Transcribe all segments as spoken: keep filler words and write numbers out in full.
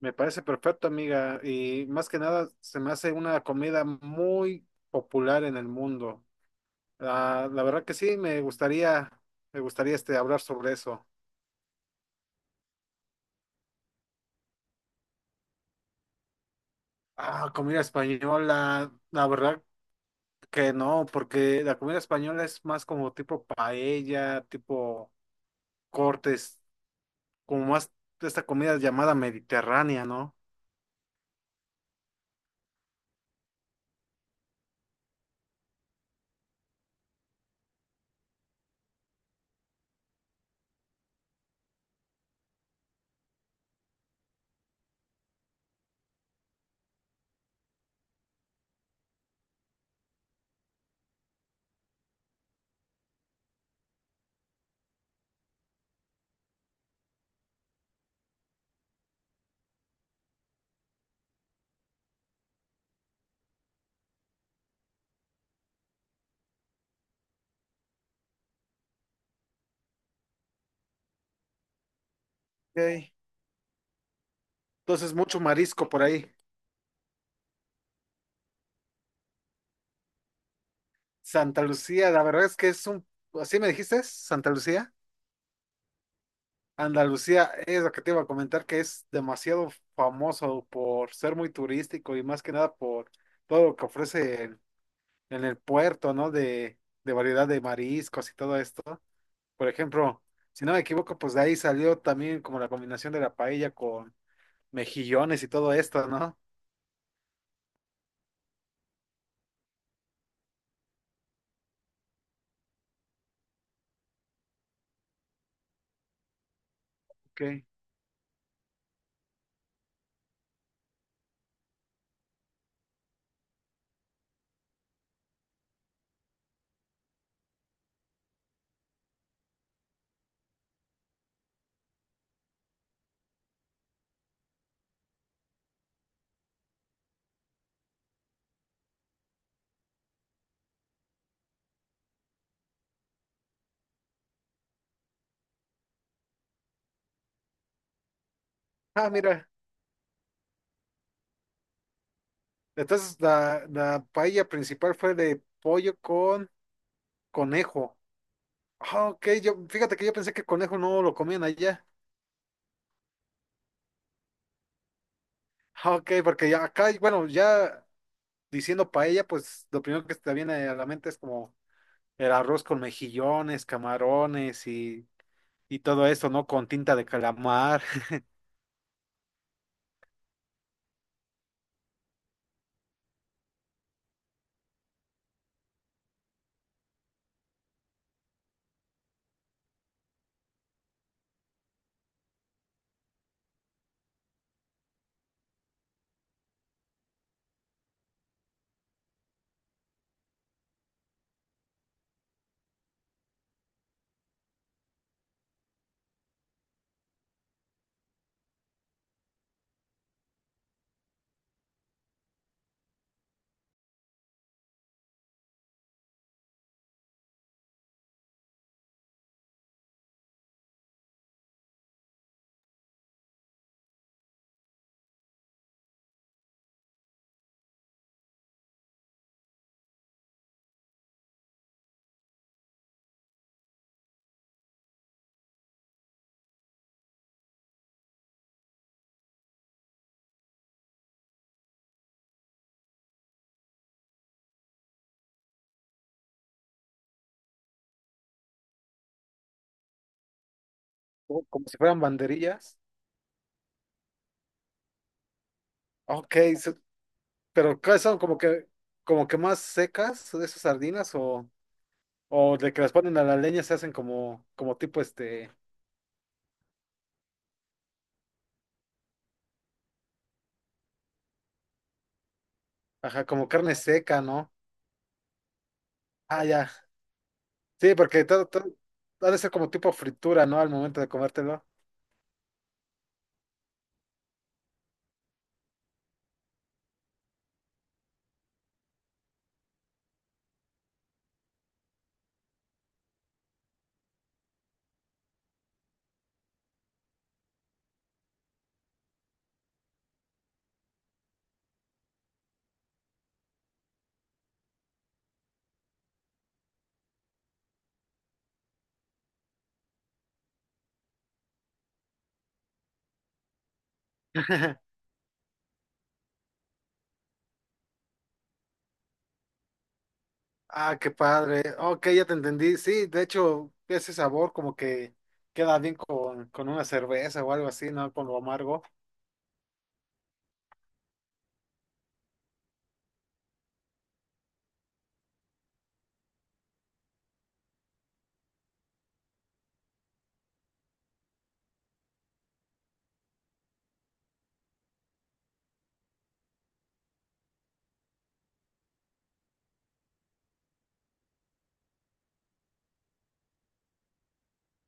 Me parece perfecto, amiga. Y más que nada, se me hace una comida muy popular en el mundo. La, la verdad que sí, me gustaría, me gustaría este, hablar sobre eso. Ah, comida española. La verdad que no, porque la comida española es más como tipo paella, tipo cortes, como más de esta comida llamada mediterránea, ¿no? Ok. Entonces, mucho marisco por ahí. Santa Lucía, la verdad es que es un... ¿Así me dijiste? ¿Santa Lucía? Andalucía es lo que te iba a comentar, que es demasiado famoso por ser muy turístico y más que nada por todo lo que ofrece en, en el puerto, ¿no? De, de variedad de mariscos y todo esto. Por ejemplo, si no me equivoco, pues de ahí salió también como la combinación de la paella con mejillones y todo esto, ¿no? Ok. Ah, mira. Entonces la, la paella principal fue de pollo con conejo. Ah, ok, yo, fíjate que yo pensé que conejo no lo comían allá. Ah, ok, porque ya acá, bueno, ya diciendo paella, pues lo primero que se te viene a la mente es como el arroz con mejillones, camarones y, y todo eso, ¿no? Con tinta de calamar. como como si fueran banderillas. Ok, so- pero ¿cuáles son como que, como que más secas de esas sardinas o, o de que las ponen a la leña se hacen como, como tipo este, ajá, como carne seca, ¿no? Ah, ya. Sí, porque todo, todo ha de ser como tipo fritura, ¿no? Al momento de comértelo. Ah, qué padre. Ok, ya te entendí. Sí, de hecho, ese sabor como que queda bien con, con una cerveza o algo así, ¿no? Con lo amargo.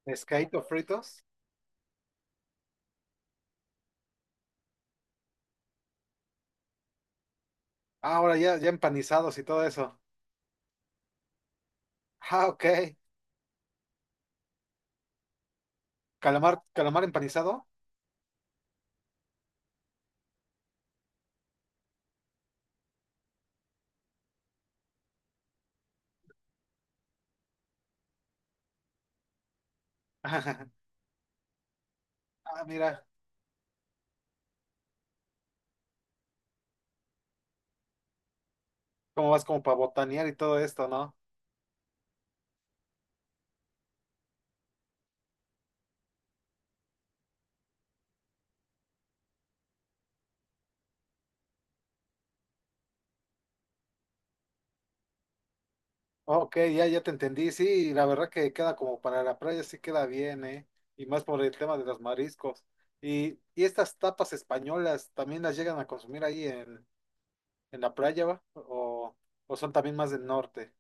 Pescadito fritos. Ah, ahora ya, ya empanizados y todo eso. Ah, ok. Calamar, calamar empanizado. Ah, mira, cómo vas como para botanear y todo esto, ¿no? Ok, ya, ya te entendí. Sí, la verdad que queda como para la playa, sí queda bien, ¿eh? Y más por el tema de los mariscos. Y, y estas tapas españolas también las llegan a consumir ahí en la playa, va, o, o son también más del norte.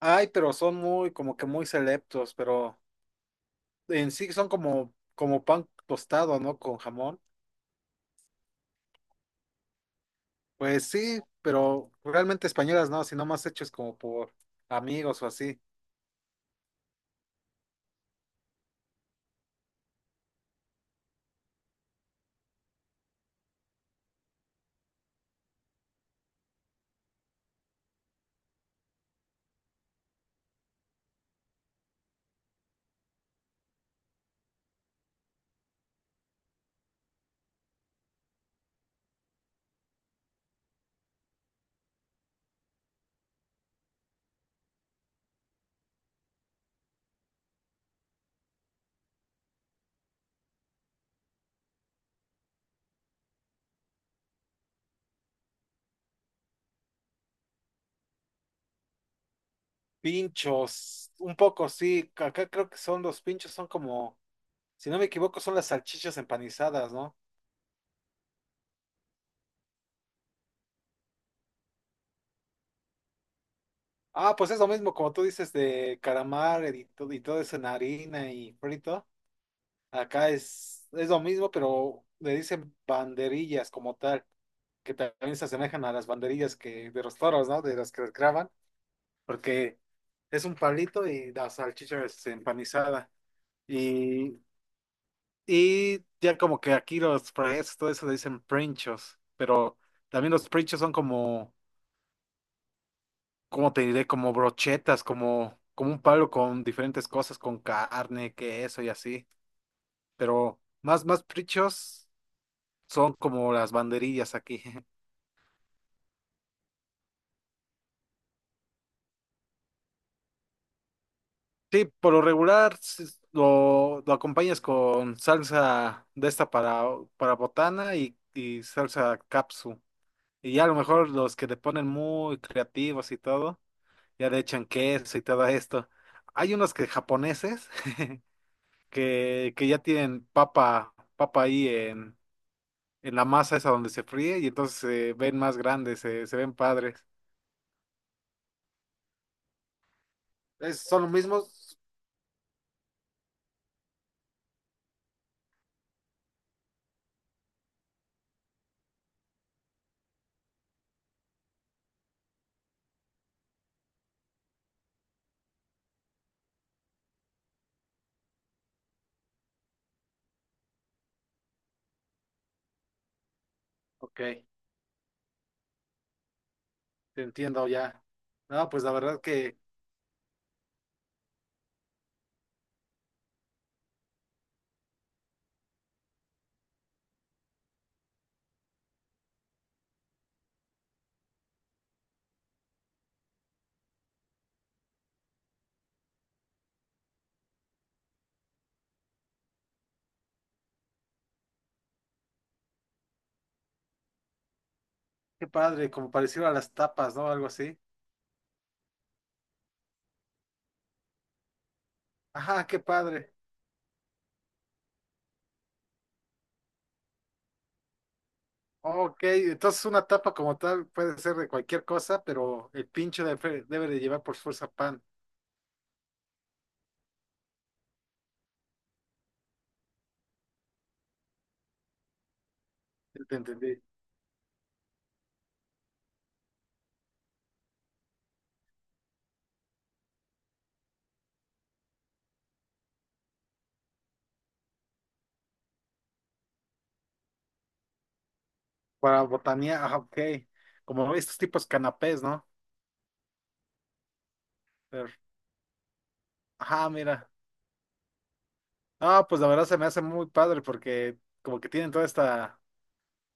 Ay, pero son muy, como que muy selectos, pero en sí son como, como pan tostado, ¿no? Con jamón. Pues sí, pero realmente españolas no, sino más hechos como por amigos o así. Pinchos, un poco sí, acá creo que son los pinchos, son como, si no me equivoco, son las salchichas empanizadas, ¿no? Ah, pues es lo mismo, como tú dices, de calamar y, to- y todo eso en harina y frito. Acá es, es lo mismo, pero le dicen banderillas como tal, que también se asemejan a las banderillas que de los toros, ¿no? De las que les graban, porque es un palito y la salchicha es empanizada. Y, y ya como que aquí los fries, todo eso le dicen princhos, pero también los princhos son como, ¿cómo te diré? Como brochetas, como, como un palo con diferentes cosas, con carne, queso y así. Pero más, más princhos son como las banderillas aquí. Sí, por lo regular sí, lo, lo acompañas con salsa de esta para, para botana y, y salsa capsu. Y ya a lo mejor los que te ponen muy creativos y todo, ya le echan queso y todo esto. Hay unos que japoneses que, que ya tienen papa, papa ahí en, en la masa esa donde se fríe y entonces se ven más grandes, se, se ven padres. Es- ¿son los mismos? Ok. Te entiendo ya. No, pues la verdad que, qué padre, como parecido a las tapas, ¿no? Algo así. Ajá, qué padre. Ok, entonces una tapa como tal puede ser de cualquier cosa, pero el pincho debe, debe de llevar por fuerza pan. Ya te entendí. Para botanía, ajá, ok. Como estos tipos canapés, ¿no? Pero, ajá, mira. Ah, pues la verdad se me hace muy padre porque como que tienen toda esta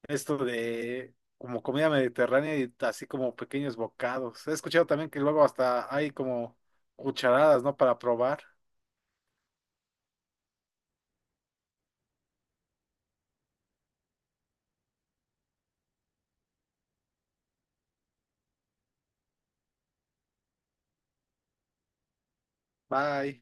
esto de como comida mediterránea y así como pequeños bocados. He escuchado también que luego hasta hay como cucharadas, ¿no? Para probar. Bye.